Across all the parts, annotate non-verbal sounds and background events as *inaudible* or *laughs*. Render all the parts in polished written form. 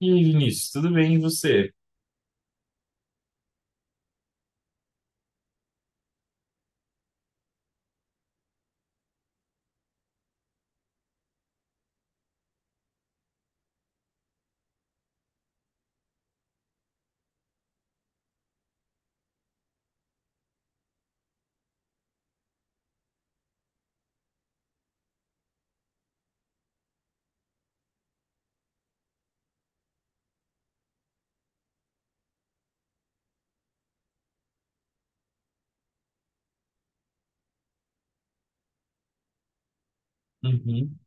E aí, Vinícius, tudo bem e você? Uhum.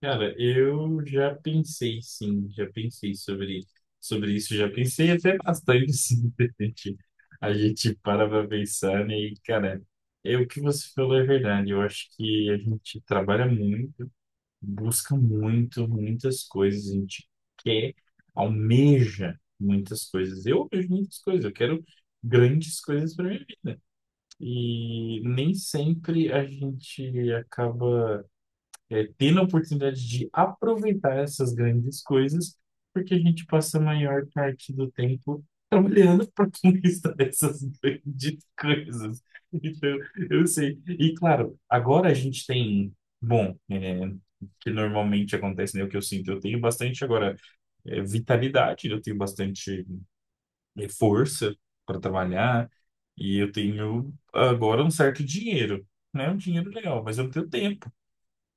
Cara, eu já pensei sim, já pensei sobre isso, já pensei até bastante sim, *laughs* de repente. A gente para pra pensar, né? Cara, o que você falou é verdade. Eu acho que a gente trabalha muito, busca muito, muitas coisas, a gente quer, almeja muitas coisas. Eu almejo muitas coisas, eu quero grandes coisas para mim. E nem sempre a gente acaba tendo a oportunidade de aproveitar essas grandes coisas, porque a gente passa a maior parte do tempo trabalhando para conquistar *laughs* essas grandes coisas. Então, eu sei. E claro, agora a gente tem, bom, que normalmente acontece, né? O que eu sinto, eu tenho bastante agora vitalidade, eu tenho bastante força para trabalhar, e eu tenho agora um certo dinheiro, né, um dinheiro legal, mas eu não tenho tempo.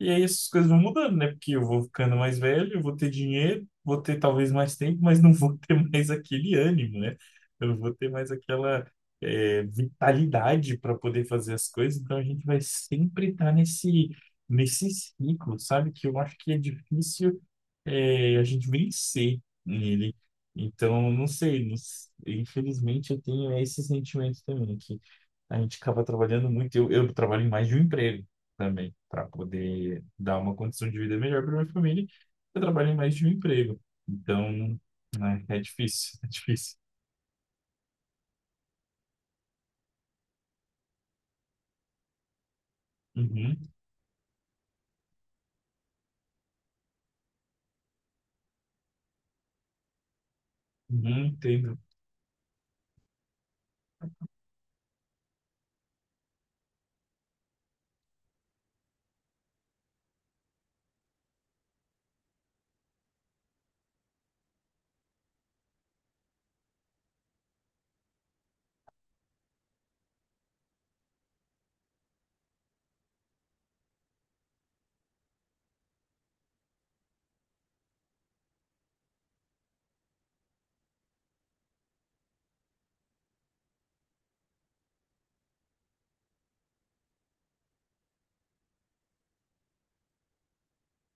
E aí essas coisas vão mudando, né? Porque eu vou ficando mais velho, eu vou ter dinheiro, vou ter talvez mais tempo, mas não vou ter *laughs* mais aquele ânimo, né? Eu não vou ter mais aquela vitalidade para poder fazer as coisas. Então a gente vai sempre estar nesse ciclo, sabe? Que eu acho que é difícil a gente vencer nele. Então, não sei, não s- infelizmente eu tenho esse sentimento também, que a gente acaba trabalhando muito. Eu trabalho em mais de um emprego também, para poder dar uma condição de vida melhor para minha família. Eu trabalho em mais de um emprego. Então, né, é difícil, *laughs* é difícil. Uhum, uhum, entendo.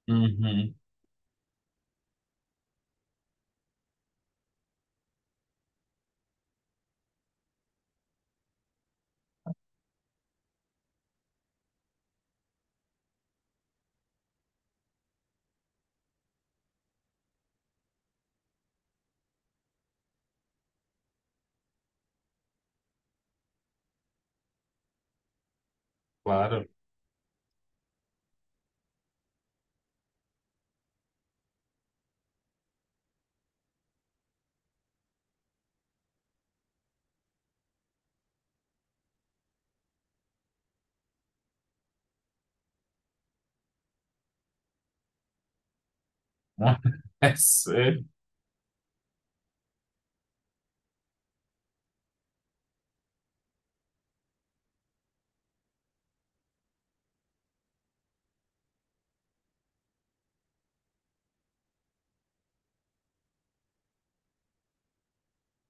Uhum, claro. *laughs* É sério.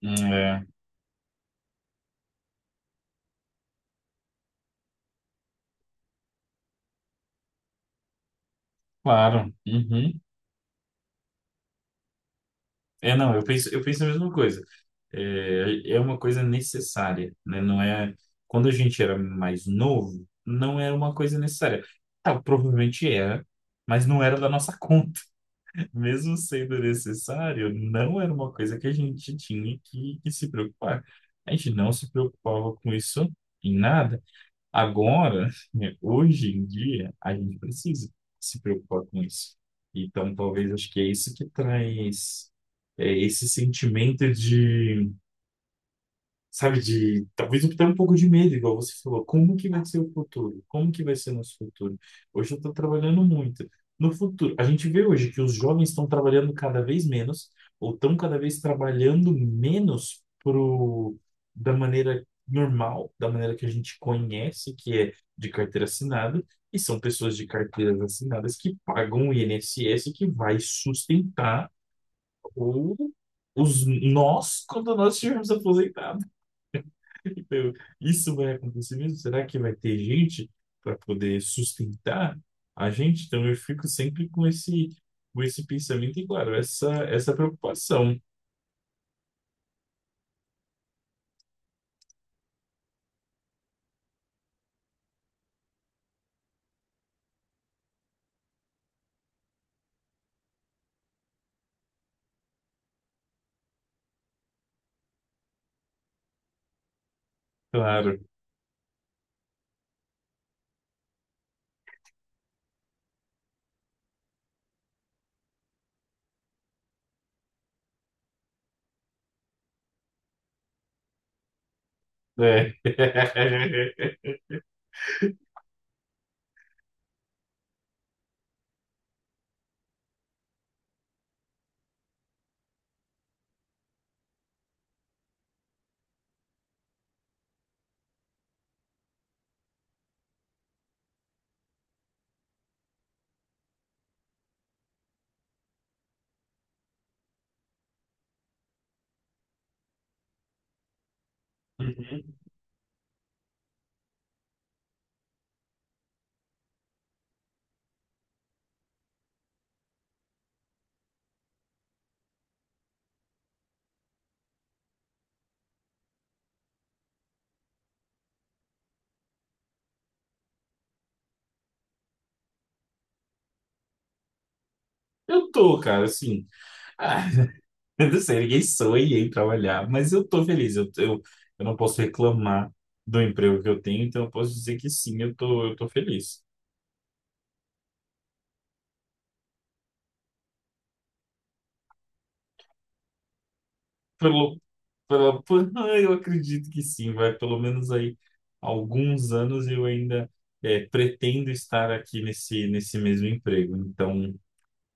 É, claro. Uhum. É, não, eu penso a mesma coisa. É, é uma coisa necessária, né? Não é... Quando a gente era mais novo, não era uma coisa necessária. Ah, provavelmente era, mas não era da nossa *laughs* conta. Mesmo sendo necessário, não era uma coisa que a gente tinha que se preocupar. A gente não se preocupava com isso em nada. Agora, *laughs* né, hoje em dia, a gente precisa se preocupar com isso. Então, talvez acho que é isso que traz esse sentimento de, sabe, de talvez até um pouco de medo, igual você falou. Como que vai ser o futuro? Como que vai ser nosso futuro? Hoje eu estou trabalhando muito. No futuro, a gente vê hoje que os jovens estão trabalhando cada vez menos, ou estão cada vez trabalhando menos pro, da maneira normal, da maneira que a gente conhece, que é de carteira assinada, e são pessoas de carteiras assinadas que pagam o INSS que vai sustentar o, os nós quando nós estivermos aposentados. Eu, isso vai acontecer mesmo? Será que vai ter gente para poder sustentar a gente? Então eu fico sempre com com esse pensamento e, claro, essa preocupação, claro. É. *laughs* Uhum. Eu tô, cara, assim. Ah, *laughs* eu não sei, ninguém sonha em trabalhar, mas eu tô feliz. Eu não posso reclamar do emprego que eu tenho, então eu posso dizer que sim, eu tô feliz. Pelo *laughs* Ah, eu acredito que sim, vai pelo menos aí alguns anos eu ainda pretendo estar aqui nesse mesmo emprego. Então,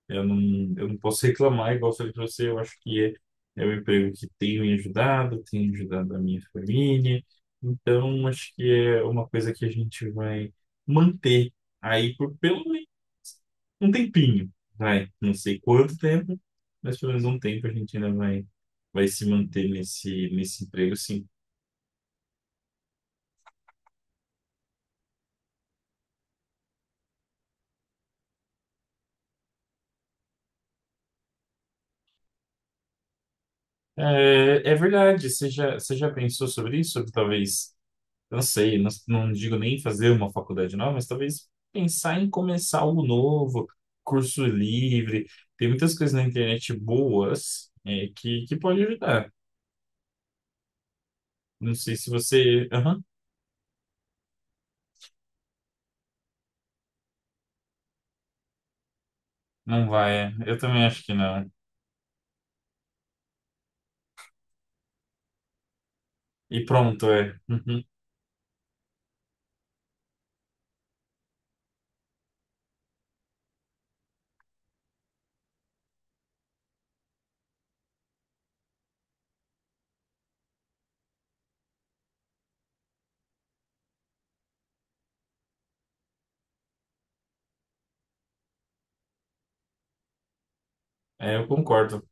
eu não, eu não posso reclamar, igual eu falei para você, eu acho que é, é um emprego que tem me ajudado, tem ajudado a minha família. Então, acho que é uma coisa que a gente vai manter aí por pelo um tempinho, vai, não sei quanto tempo, mas pelo menos um tempo a gente ainda vai, vai se manter nesse emprego, sim. É, é verdade, você já pensou sobre isso? Sobre talvez, eu não sei, não digo nem fazer uma faculdade nova, mas talvez pensar em começar algo novo, curso livre, tem muitas coisas na internet boas, é, que pode ajudar. Não sei se você... Aham, não vai, é. Eu também acho que não. E pronto, é. Uhum. É, eu concordo.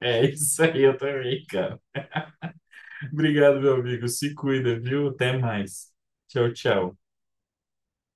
É isso aí, eu também, cara. Obrigado, meu amigo. Se cuida, viu? Até mais. Tchau, tchau.